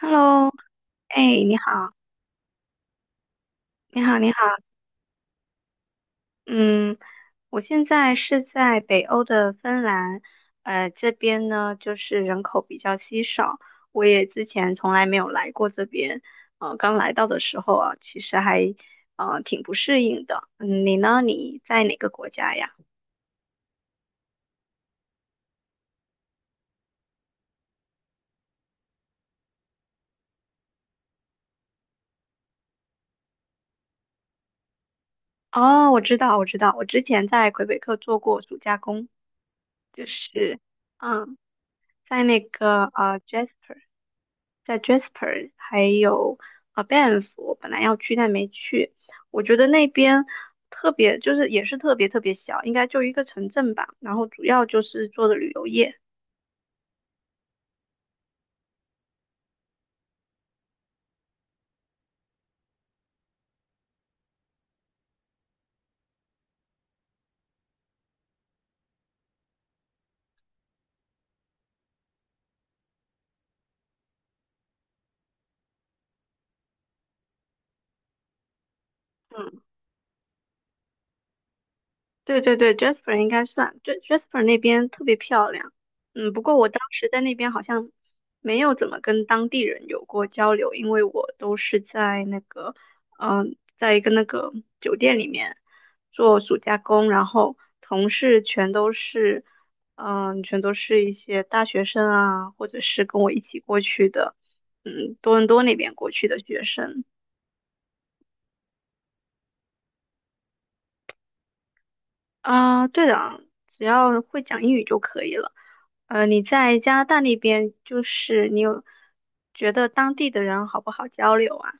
Hello，哎，你好，你好，你好，嗯，我现在是在北欧的芬兰，这边呢就是人口比较稀少，我也之前从来没有来过这边，刚来到的时候啊，其实还挺不适应的。嗯，你呢？你在哪个国家呀？哦，我知道，我知道，我之前在魁北克做过暑假工，就是嗯，在那个Jasper。在 Jasper 还有 Banff，我本来要去但没去。我觉得那边特别就是也是特别特别小，应该就一个城镇吧，然后主要就是做的旅游业。嗯，对对对，Jasper 应该算，对 Jasper 那边特别漂亮。嗯，不过我当时在那边好像没有怎么跟当地人有过交流，因为我都是在那个，在一个那个酒店里面做暑假工，然后同事全都是，全都是一些大学生啊，或者是跟我一起过去的，多伦多那边过去的学生。啊，对的，只要会讲英语就可以了。你在加拿大那边，就是你有觉得当地的人好不好交流啊？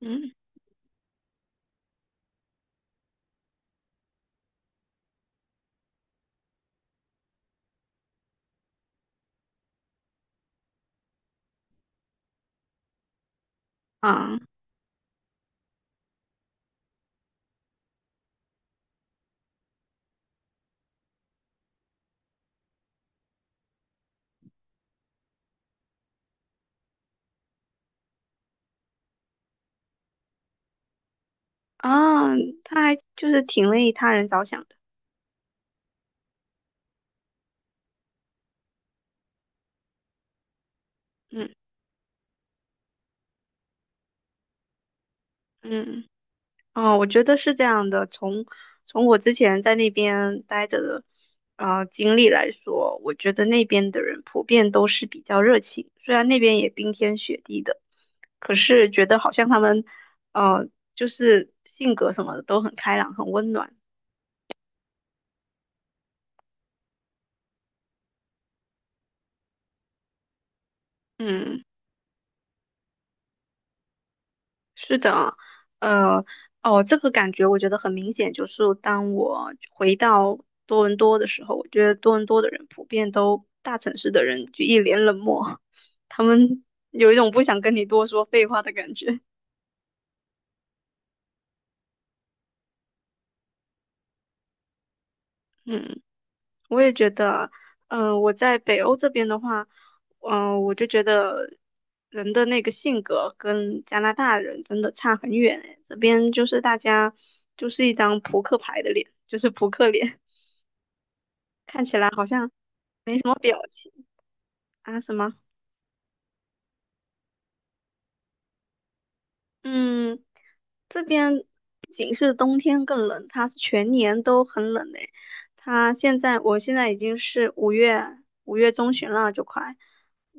嗯，啊啊，他还就是挺为他人着想的。嗯嗯。哦，我觉得是这样的。从我之前在那边待着的经历来说，我觉得那边的人普遍都是比较热情，虽然那边也冰天雪地的，可是觉得好像他们呃就是性格什么的都很开朗，很温暖。嗯。是的啊，呃，哦，这个感觉我觉得很明显，就是当我回到多伦多的时候，我觉得多伦多的人普遍都大城市的人就一脸冷漠，他们 有一种不想跟你多说废话的感觉。嗯，我也觉得，我在北欧这边的话，我就觉得人的那个性格跟加拿大人真的差很远诶，这边就是大家就是一张扑克牌的脸，就是扑克脸。看起来好像没什么表情。啊？什么？嗯，这边不仅是冬天更冷，它是全年都很冷的。它现在，我现在已经是五月中旬了，就快，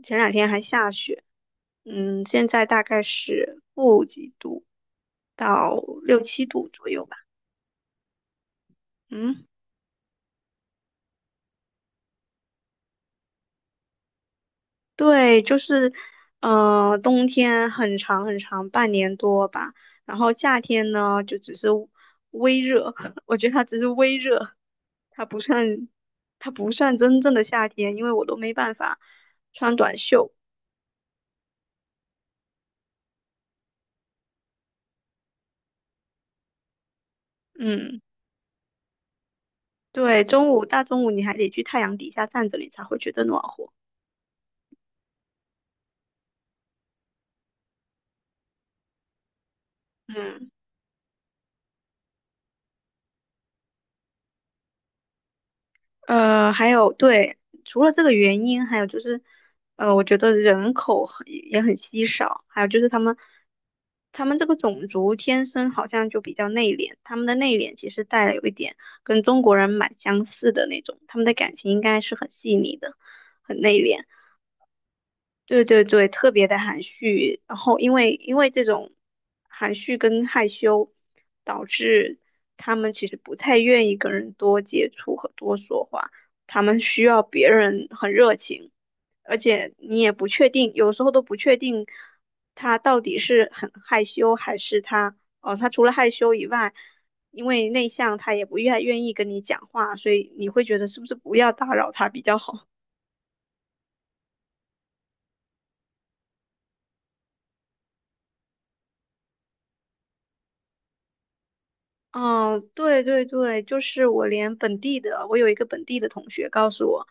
前两天还下雪。嗯，现在大概是负几度到六七度左右吧。嗯。对，就是，冬天很长很长，半年多吧。然后夏天呢，就只是微热，我觉得它只是微热，它不算，它不算真正的夏天，因为我都没办法穿短袖。嗯，对，中午大中午你还得去太阳底下站着，你才会觉得暖和。嗯。还有对，除了这个原因，还有就是，我觉得人口很也很稀少，还有就是他们这个种族天生好像就比较内敛，他们的内敛其实带了有一点跟中国人蛮相似的那种，他们的感情应该是很细腻的，很内敛。对对对，特别的含蓄，然后因为这种含蓄跟害羞，导致他们其实不太愿意跟人多接触和多说话，他们需要别人很热情，而且你也不确定，有时候都不确定他到底是很害羞还是他。哦，他除了害羞以外，因为内向，他也不愿意跟你讲话，所以你会觉得是不是不要打扰他比较好。哦，对对对，就是我连本地的，我有一个本地的同学告诉我，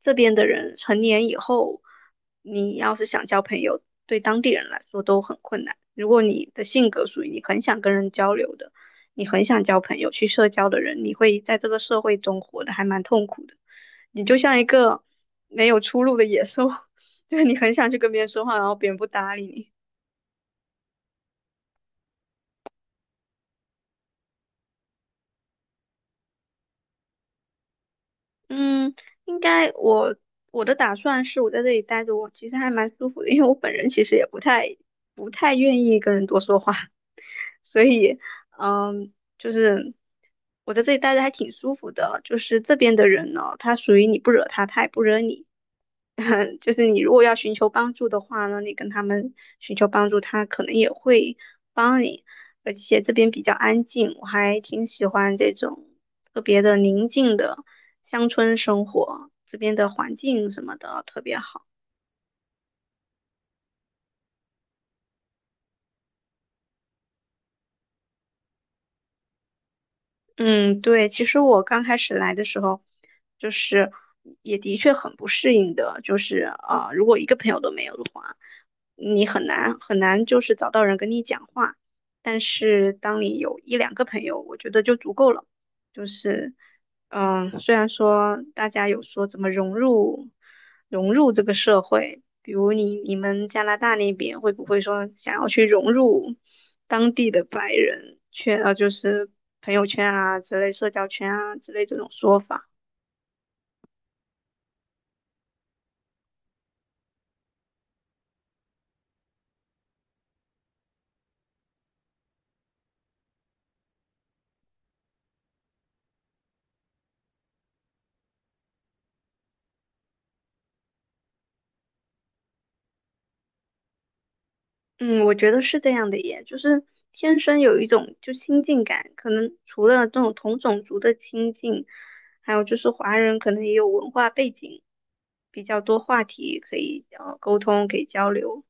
这边的人成年以后，你要是想交朋友，对当地人来说都很困难。如果你的性格属于你很想跟人交流的，你很想交朋友、去社交的人，你会在这个社会中活得还蛮痛苦的。你就像一个没有出路的野兽，就是你很想去跟别人说话，然后别人不搭理你。嗯，应该我的打算是我在这里待着，我其实还蛮舒服的，因为我本人其实也不太愿意跟人多说话，所以嗯，就是我在这里待着还挺舒服的。就是这边的人呢，他属于你不惹他，他也不惹你，就是你如果要寻求帮助的话呢，你跟他们寻求帮助，他可能也会帮你。而且这边比较安静，我还挺喜欢这种特别的宁静的乡村生活，这边的环境什么的特别好。嗯，对，其实我刚开始来的时候，就是也的确很不适应的，就是啊、如果一个朋友都没有的话，你很难很难就是找到人跟你讲话。但是当你有一两个朋友，我觉得就足够了。就是，虽然说大家有说怎么融入这个社会，比如你们加拿大那边会不会说想要去融入当地的白人圈，就是朋友圈啊之类、社交圈啊之类这种说法？嗯，我觉得是这样的耶，就是天生有一种就亲近感，可能除了这种同种族的亲近，还有就是华人可能也有文化背景，比较多话题可以沟通，可以交流。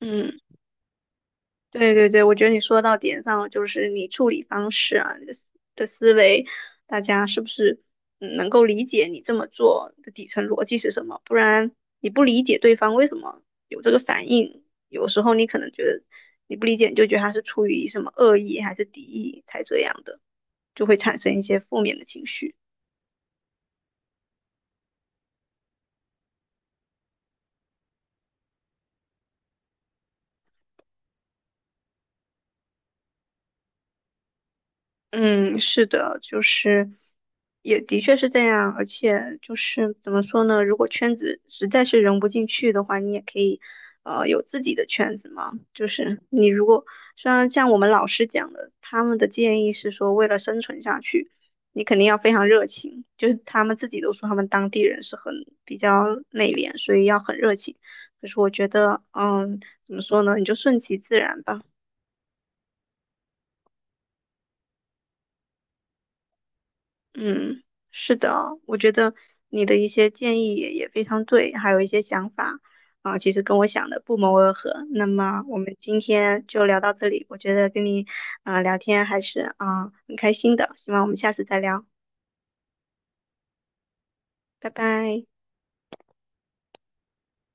嗯。对对对，我觉得你说到点上了，就是你处理方式啊，你的思维，大家是不是能够理解你这么做的底层逻辑是什么？不然你不理解对方为什么有这个反应，有时候你可能觉得你不理解，你就觉得他是出于什么恶意还是敌意才这样的，就会产生一些负面的情绪。嗯，是的，就是也的确是这样，而且就是怎么说呢？如果圈子实在是融不进去的话，你也可以有自己的圈子嘛。就是你如果虽然像我们老师讲的，他们的建议是说，为了生存下去，你肯定要非常热情。就是他们自己都说他们当地人是很比较内敛，所以要很热情。可是我觉得，嗯，怎么说呢？你就顺其自然吧。嗯，是的哦，我觉得你的一些建议也非常对，还有一些想法啊，其实跟我想的不谋而合。那么我们今天就聊到这里，我觉得跟你啊聊天还是啊很开心的，希望我们下次再聊，拜拜。